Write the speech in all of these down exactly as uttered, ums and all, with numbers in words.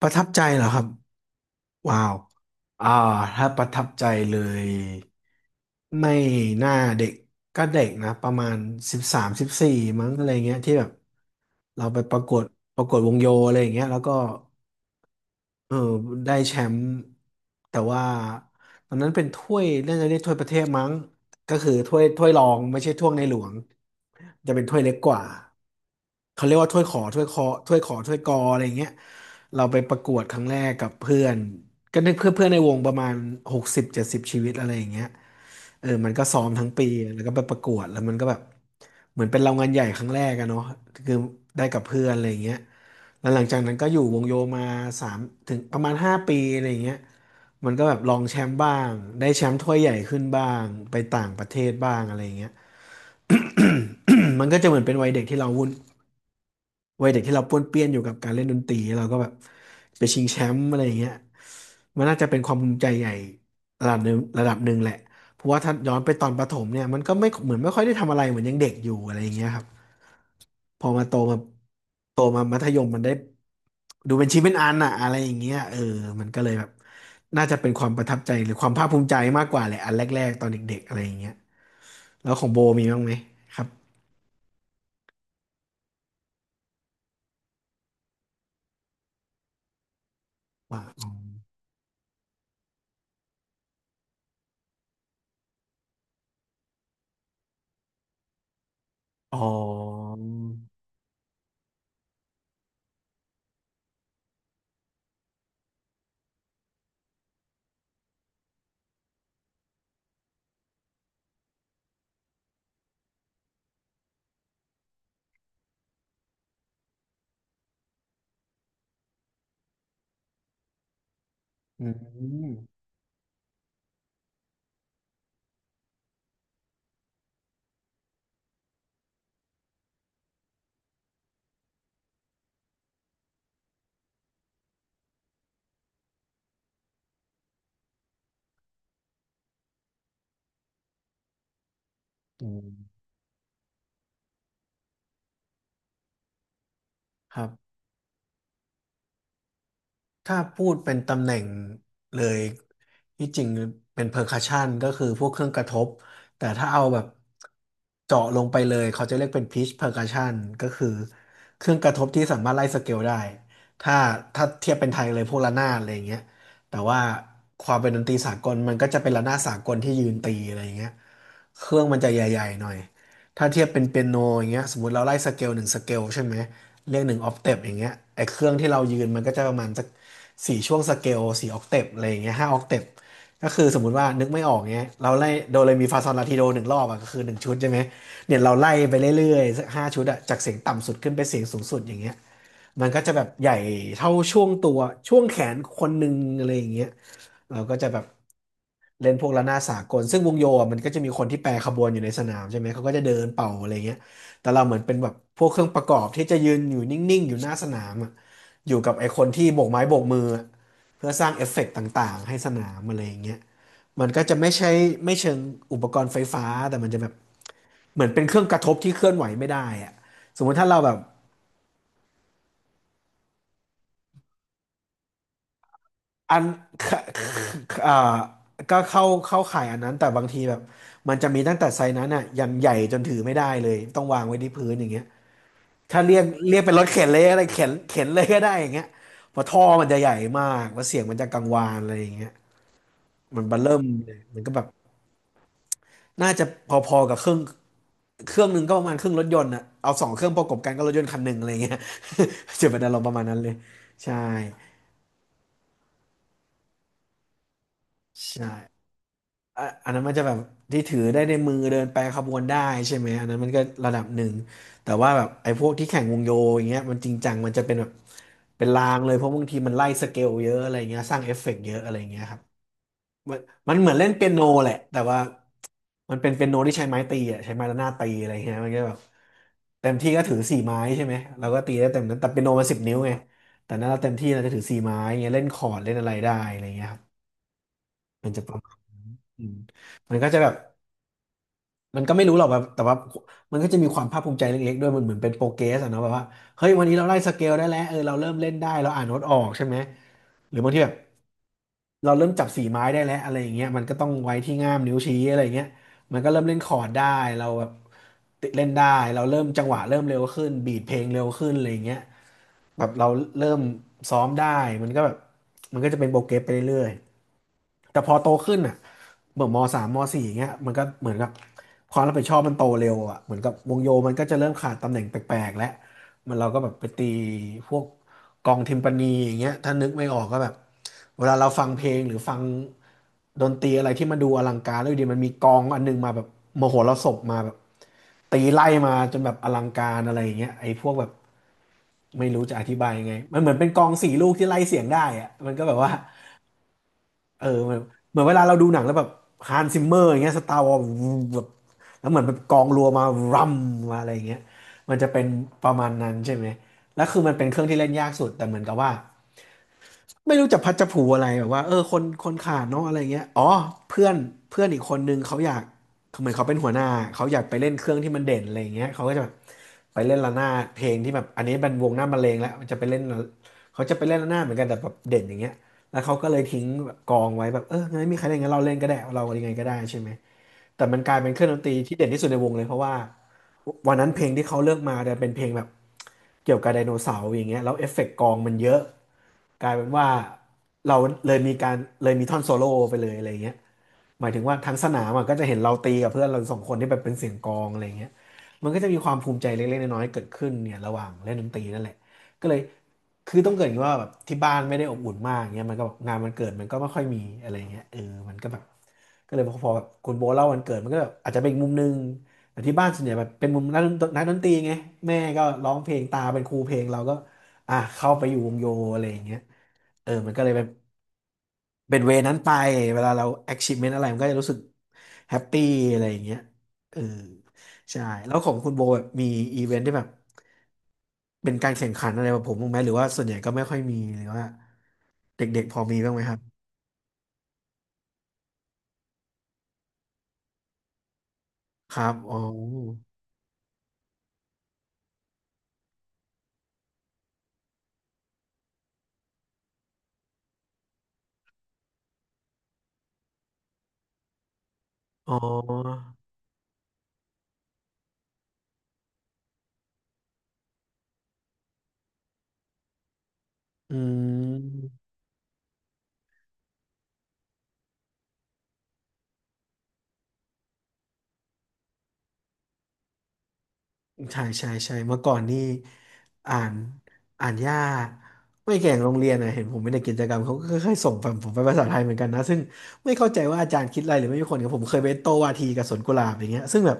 ประทับใจเหรอครับว้าวอ่าถ้าประทับใจเลยไม่น่าเด็กก็เด็กนะประมาณสิบสามสิบสี่มั้งอะไรเงี้ยที่แบบเราไปประกวดประกวดวงโยอะไรอย่างเงี้ยแล้วก็ เออได้แชมป์แต่ว่าตอนนั้นเป็นถ้วยน่าจะเรียกถ้วยประเทศมั้งก็คือถ้วยถ้วยรองไม่ใช่ถ้วยในหลวงจะเป็นถ้วยเล็กกว่าเขาเรียกว่าถ้วยขอถ้วยคอถ้วยขอถ้วยกออะไรอย่างเงี้ยเราไปประกวดครั้งแรกกับเพื่อนก็นึกเพื่อนเพื่อนในวงประมาณหกสิบเจ็ดสิบชีวิตอะไรอย่างเงี้ยเออมันก็ซ้อมทั้งปีแล้วก็ไปประกวดแล้วมันก็แบบเหมือนเป็นรางวัลใหญ่ครั้งแรกอะเนาะคือได้กับเพื่อนอะไรอย่างเงี้ย แล้วหลังจากนั้นก็อยู่วงโยมาสามถึงประมาณห้าปีอะไรอย่างเงี้ยมันก็แบบลองแชมป์บ้างได้แชมป์ถ้วยใหญ่ขึ้นบ้างไปต่างประเทศบ้างอะไรอย่างเงี้ย มันก็จะเหมือนเป็นวัยเด็กที่เราวุ่นวัยเด็กที่เราป้วนเปี้ยนอยู่กับการเล่นดนตรีเราก็แบบไปชิงแชมป์อะไรอย่างเงี้ยมันน่าจะเป็นความภูมิใจใหญ่ระดับหนึ่งระดับหนึ่งแหละเพราะว่าถ้าย้อนไปตอนประถมเนี่ยมันก็ไม่เหมือนไม่ค่อยได้ทำอะไรเหมือนยังเด็กอยู่อะไรอย่างเงี้ยครับ พอมาโตมาโตมามัธยมมันได้ดูเป็นชิ้นเป็นอันอะอะไรอย่างเงี้ยเออมันก็เลยแบบน่าจะเป็นความประทับใจหรือความภาคภูมิใจมากกว่าแหละอันแรกๆตอนเด็กๆอะไรอย่างเงี้ยแล้วของโบมีบ้างไหมครับว่าอ๋ออืมอืมครับ ถ้าพูดเป็นตำแหน่งเลยที่จริงเป็นเพอร์คัชชันก็คือพวกเครื่องกระทบแต่ถ้าเอาแบบเจาะลงไปเลยเขาจะเรียกเป็นพิชเพอร์คัชชันก็คือเครื่องกระทบที่สามารถไล่สเกลได้ถ้าถ้าเทียบเป็นไทยเลยพวกระนาดอะไรอย่างเงี้ยแต่ว่าความเป็นดนตรีสากลมันก็จะเป็นระนาดสากลที่ยืนตีอะไรอย่างเงี้ยเครื่องมันจะใหญ่ๆหน่อย ถ้าเทียบเป็นเปียโนอย่างเงี้ยสมมติเราไล่สเกลหนึ่งสเกลใช่ไหมเรียกหนึ่งออกเทปอย่างเงี้ยไอ้เครื่องที่เรายืนมันก็จะประมาณสักสี่ช่วงสเกลสี่ออกเทปอะไรอย่างเงี้ยห้าออกเทปก็คือสมมติว่านึกไม่ออกเงี้ยเราไล่โดเรมีฟาซอลลาทิโดหนึ่งรอบอะก็คือหนึ่งชุดใช่ไหมเนี่ยเราไล่ไปเรื่อยๆสักห้าชุดอะจากเสียงต่ำสุดขึ้นไปเสียงสูงสุดอย่างเงี้ยมันก็จะแบบใหญ่เท่าช่วงตัวช่วงแขนคนหนึ่งอะไรอย่างเงี้ย เราก็จะแบบเล่นพวกระนาดสากลซึ่งวงโยอ่ะมันก็จะมีคนที่แปรขบวนอยู่ในสนามใช่ไหมเขาก็จะเดินเป่าอะไรเงี้ยแต่เราเหมือนเป็นแบบพวกเครื่องประกอบที่จะยืนอยู่นิ่งๆอยู่หน้าสนามอ่ะอยู่กับไอ้คนที่โบกไม้โบกมืออะเพื่อสร้างเอฟเฟกต์ต่างๆให้สนามอะไรอย่างเงี้ยมันก็จะไม่ใช่ไม่เชิงอุปกรณ์ไฟฟ้าแต่มันจะแบบเหมือนเป็นเครื่องกระทบที่เคลื่อนไหวไม่ได้อ่ะสมมุติถ้าเราแบบ อัน ค่ะอ่าก็เข้าเข้าข่ายอันนั้นแต่บางทีแบบมันจะมีตั้งแต่ไซส์นั้นอ่ะอย่างใหญ่จนถือไม่ได้เลยต้องวางไว้ที่พื้นอย่างเงี้ยถ้าเรียกเรียกเป็นรถเข็นเลยอะ ไรเข็นเข็นเลยก็ได้อย่างเงี้ยเพราะท่อมันจะใหญ่มากแล้วเสียงมันจะกังวานอะไรอย่างเงี้ยมันเบอเริ่มเลยมันก็แบบน่าจะพอๆกับเครื่องเครื่องหนึ่งก็ประมาณครึ่งรถยนต์อ่ะเอาสองเครื่องประกบกันก็รถยนต์คันหนึ่งอะไรเงี้ย จะเป็นอารมณ์ประมาณนั้นเลยใช่ใช่ อะอันนั้นมันจะแบบที่ถือได้ในมือเดินไปรขบวนได้ใช่ไหมอันนั้นมันก็ระดับหนึ่งแต่ว่าแบบไอ้พวกที่แข่งวงโยอย่างเงี้ยมันจริงจังมันจะเป็นแบบเป็นรางเลยเพราะบางทีมันไล่สเกลเยอะอะไรเงี้ยสร้างเอฟเฟกต์เยอะอะไรเงี้ยครับมันมันเหมือนเล่นเปียโนแหละแต่ว่ามันเป็นเปียโนที่ใช้ไม้ตีอ่ะใช้ไม้ระนาดตีอะไรเงี้ยมันก็แบบเต็มที่ก็ถือสี่ไม้ใช่ไหมเราก็ตีได้เต็มนั้นแต่เปียโนมันสิบนิ้วไงแต่นั้นเราเต็มที่เราจะถือสี่ไม้เงี้ยเล่นคอร์ดเล่นอะไรได้อะไรเงี้ยครับมันจะประมาณนั้นอืมมันก็จะแบบ มันก็ไม่รู้หรอกแบบแต่ว่ามันก็จะมีความภาคภูมิใจเล็กๆด้วยมันเหมือนเป็นโปรเกรสอะเนาะแบบว่าเฮ้ยวันนี้เราไล่สเกลได้แล้วเออเราเริ่มเล่นได้เราอ่านโน้ตออกใช่ไหมหรือบางทีแบบเราเริ่มจับสีไม้ได้แล้วอะไรอย่างเงี้ยมันก็ต้องไว้ที่ง่ามนิ้วชี้อะไรอย่างเงี้ยมันก็เริ่มเล่นคอร์ดได้เราแบบติดเล่นได้เราเริ่มจังหวะเริ่มเร็วขึ้นบีทเพลงเร็วขึ้นอะไรอย่างเงี้ยแบบเราเริ่มซ้อมได้มันก็แบบมันก็จะเป็นโปรเกรสไปเรื่อยๆ แต่พอโตขึ้นอ่ะเหมือนมสามมสี่อย่างเงี้ยมันก็เหมือนกับความรับผิดชอบมันโตเร็วอ่ะเหมือนกับวงโยมันก็จะเริ่มขาดตำแหน่งแปลกๆแล้วมันเราก็แบบไปตีพวกกองทิมปานีอย่างเงี้ยถ้านึกไม่ออกก็แบบเวลาเราฟังเพลงหรือฟังดนตรีอะไรที่มันดูอลังการแล้วอยู่ดีมันมีกองอันนึงมาแบบมโหรสพมาแบบตีไล่มาจนแบบอลังการอะไรอย่างเงี้ยไอ้พวกแบบไม่รู้จะอธิบายยังไงมันเหมือนเป็นกองสี่ลูกที่ไล่เสียงได้อะมันก็แบบว่า เออเหมือนเหมือนเวลาเราดูหนังแล้วแบบฮันซิมเมอร์อย่างเงี้ยสตาร์วอร์แบบแล้วเหมือนแบบกองรัวมารัมมาอะไรอย่างเงี้ยมันจะเป็นประมาณนั้นใช่ไหมแล้วคือมันเป็นเครื่องที่เล่นยากสุดแต่เหมือนกับว่า ไม่รู้จะพัดจะผูอะไรแบบว่าเออคนคนขาดเนาะอะไรเงี้ยอ๋อเพื่อนเพื่อนอีกคนนึงเขาอยากเหมือนเขาเป็นหัวหน้าเขาอยากไปเล่นเครื่องที่มันเด่นอะไรเงี้ยเขาก็จะแบบไปเล่นระนาดเพลงที่แบบอันนี้เป็นวงหน้ามะเร็งแล้วมันจะไปเล่นเขาจะไปเล่นระนาดเหมือนกันแต่แบบเด่นอย่างเงี้ยแล้วเขาก็เลยทิ้งแบบกองไว้แบบเอองั้นไม่มีใครเล่นงั้นเราเล่นก็ได้เรายังไงก็ได้ใช่ไหมแต่มันกลายเป็นเครื่องดนตรีที่เด่นที่สุดในวงเลยเพราะว่าวันนั้นเพลงที่เขาเลือกมาเนี่ยเป็นเพลงแบบ เกี่ยวกับไดโนเสาร์อย่างเงี้ยแล้วเอฟเฟกต์กองมันเยอะกลายเป็นว่าเราเลยมีการเลยมีท่อนโซโล่ไปเลยอะไรเงี้ยหมายถึงว่าทั้งสนามอะก็จะเห็นเราตีกับเพื่อนเราสองคนที่แบบเป็นเสียงกลองอะไรเงี้ยมันก็จะมีความภูมิใจเล็กๆน้อยๆเกิดขึ้นเนี่ยระหว่างเล่นดนตรีนั่นแหละก็เลยคือต้องเกริดว่าแบบที่บ้านไม่ได้อบอุ่นมากเงี้ยมันก็แบบงานมันเกิดมันก็ไม่ค่อยมีอะไรเงี้ยเออมันก็แบบก็เลยพอพอแบบคุณโบเล่าวันเกิดมันก็แบบอาจจะเป็นอีกมุมนึง แต่ที่บ้านส่วนใหญ่แบบเป็นมุมนักดนตรีนักดนตรีไงแม่ก็ร้องเพลงตาเป็นครูเพลงเราก็อ่ะเข้าไปอยู่วงโยอะไรอย่างเงี้ยเออมันก็เลยเป็นเป็นเวนั้นไปเวลาเรา achievement อะไรมันก็จะรู้สึกแฮปปี้อะไรอย่างเงี้ยเออใช่แล้วของคุณโบแบบมีอีเวนท์ที่แบบเป็นการแข่งขันอะไรแบบผมบ้างไหมหรือว่าส่วนใหญ่ก็ไม่ค่อยมีหรือว่าเด็กๆพอมีบ้างไหมครับครับอ๋ออ๋ออืม ใช่ใช่ใช่เมื่อก่อนนี่อ่านอ่านยากไม่แข่งโรงเรียนนะเห็นผมไม่ได้กิจกรรมเขาก็ค่อยๆส่งผมผมไปภาษาไทยเหมือนกันนะซึ่งไม่เข้าใจว่าอาจารย์คิดอะไรหรือไม่มีคนกับผมเคยไปโต้วาทีกับสวนกุหลาบอย่างเงี้ยซึ่งแบบ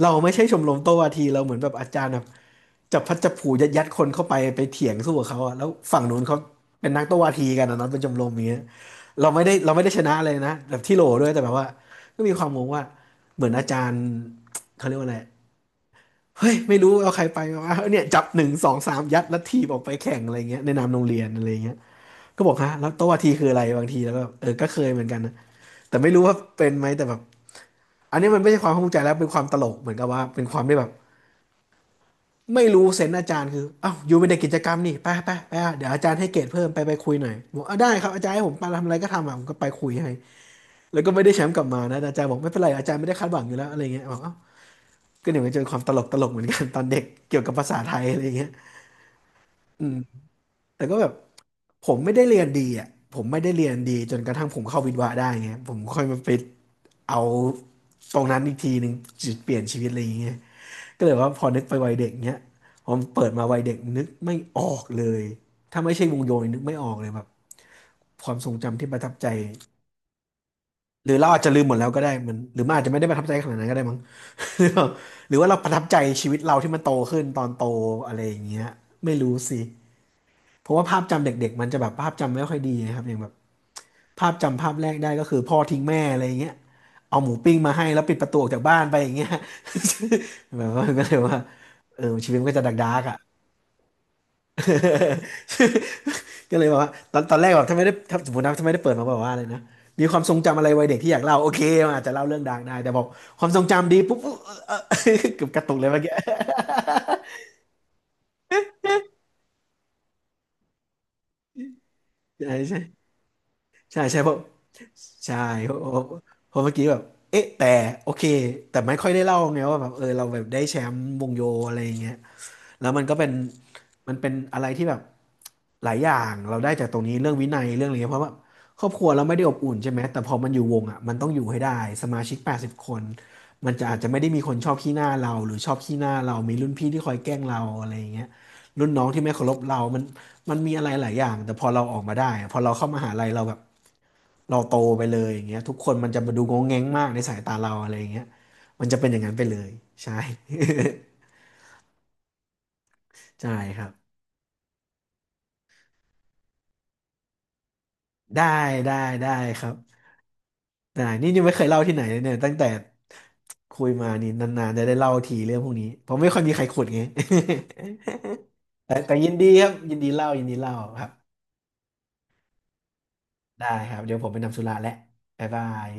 เราไม่ใช่ชมรมโต้วาทีเราเหมือนแบบอาจารย์แบบจับพัดจับผูยัดยัดคนเข้าไปไปเถียงสู้กับเขาอะแล้วฝั่งนู้นเขาเป็นนักโต้วาทีกันนะเนาะเป็นชมรมอย่างเงี้ยเราไม่ได้เราไม่ได้ชนะเลยนะแบบที่โหลด้วยแต่แบบว่าก็มีความงงว่าเหมือนอาจารย์เขาเรียกว่าอะไร เฮ้ยไม่รู้เอาใครไปวะเนี่ยจับหนึ่ง สอง สามยัดแล้วทีบออกไปแข่งอะไรเงี้ยในนามโรงเรียนอะไรเงี้ยก็บอกฮะแล้วโต๊ะวาทีคืออะไรบางทีแล้วก็เออก็เคยเหมือนกันนะแต่ไม่รู้ว่าเป็นไหมแต่แบบอันนี้มันไม่ใช่ความภาคภูมิใจแล้วเป็นความตลกเหมือนกับว่าเป็นความได้แบบไม่รู้เซนส์อาจารย์คืออ้าวอยู่เป็นเด็กกิจกรรมนี่ไปไปไปอ่ะเดี๋ยวอาจารย์ให้เกรดเพิ่มไปไปคุยหน่อยบอกอ่ะได้ครับอาจารย์ให้ผมไปทำอะไรก็ทำอ่ะผมก็ไปคุยให้แล้วก็ไม่ได้แชมป์กลับมานะแต่อาจารย์บอกไม่เป็นไรอาจารย์ไม่ได้คาดหวังอยู่แล้วอะไรเงี้ยบอกเอ้าวก็เดี๋ยวมันจะเป็นความตลกตลกเหมือนกันตอนเด็กเกี่ยวกับภาษาไทยอะไรเงี้ยอืม แต่ก็แบบผมไม่ได้เรียนดีอ่ะผมไม่ได้เรียนดีจนกระทั่งผมเข้าวิทย์วะได้ไงผมค่อยมาไปเอาตรงนั้นอีกทีหนึ่งจุดเปลี่ยนชีวิตอะไรอย่างเงี้ยก็เลยว่าพอนึกไปวัยเด็กเนี้ยผมเปิดมาวัยเด็กนึกไม่ออกเลยถ้าไม่ใช่วงโยนนึกไม่ออกเลยแบบความทรงจำที่ประทับใจหรือเราอาจจะลืมหมดแล้วก็ได้มันหรือมันอาจจะไม่ได้ประทับใจขนาดนั้นก็ได้มั้ง หรือว่าหรือว่าเราประทับใจชีวิตเราที่มันโตขึ้นตอนโตอะไรอย่างเงี้ยไม่รู้สิเพราะว่าภาพจำเด็กๆมันจะแบบภาพจำไม่ค่อยดีนะครับอย่างแบบ ภาพจำภาพแรกได้ก็คือพ่อทิ้งแม่อะไรอย่างเงี้ยเอาหมูปิ้งมาให้แล้วปิดประตูออกจากบ้านไปอย่างเงี้ย แบบว่าก็เลยว่าเออชีวิตมันก็จะดักดักอ่ะ ก็เลยแบบว่าตอนตอนแรกแบบถ้าไม่ได้ถ้าสมมตินะถ้าไม่ได้เปิดมาบอกว่าอะไรนะมีความทรงจำอะไรวัยเด็กที่อยากเล่าโอเคมันอาจจะเล่าเรื่องดักได้แต่บอกความทรงจำดีปุ๊บเออเออ เกือบกระตุกเลยเมื่อกี้ ใช่ใช่ ใช่ใช่เพราะใช่เพราะเพราะเมื่อกี้แบบเอ๊ะแต่โอเคแต่ไม่ค่อยได้เล่าไงว่าแบบเออเราแบบได้แชมป์วงโยอะไรอย่างเงี้ยแล้วมันก็เป็นมันเป็นอะไรที่แบบหลายอย่างเราได้จากตรงนี้เรื่องวินัยเรื่องอะไรเงี้ยเพราะว่าครอบครัวเราไม่ได้อบอุ่นใช่ไหมแต่พอมันอยู่วงอ่ะมันต้องอยู่ให้ได้สมาชิกแปดสิบคนมันจะอาจจะไม่ได้มีคนชอบขี้หน้าเราหรือชอบขี้หน้าเรามีรุ่นพี่ที่คอยแกล้งเราอะไรอย่างเงี้ยรุ่นน้องที่ไม่เคารพเรามันมันมีอะไรหลายอย่างแต่พอเราออกมาได้อะพอเราเข้ามหาลัยเราแบบ เราโตไปเลยอย่างเงี้ยทุกคนมันจะมาดูงงแงงมากในสายตาเราอะไรอย่างเงี้ยมันจะเป็นอย่างนั้นไปเลยใช่ ใช่ครับได้ได้ได้ครับได้นี่ยังไม่เคยเล่าที่ไหนเลยเนี่ยตั้งแต่คุยมานี่นานๆจะได้เล่าทีเรื่องพวกนี้เพราะไม่ค่อยมีใครขุดไง แต่แต่ยินดีครับยินดีเล่ายินดีเล่าครับได้ครับเดี๋ยวผมไปนำสุราแล้วบ๊ายบาย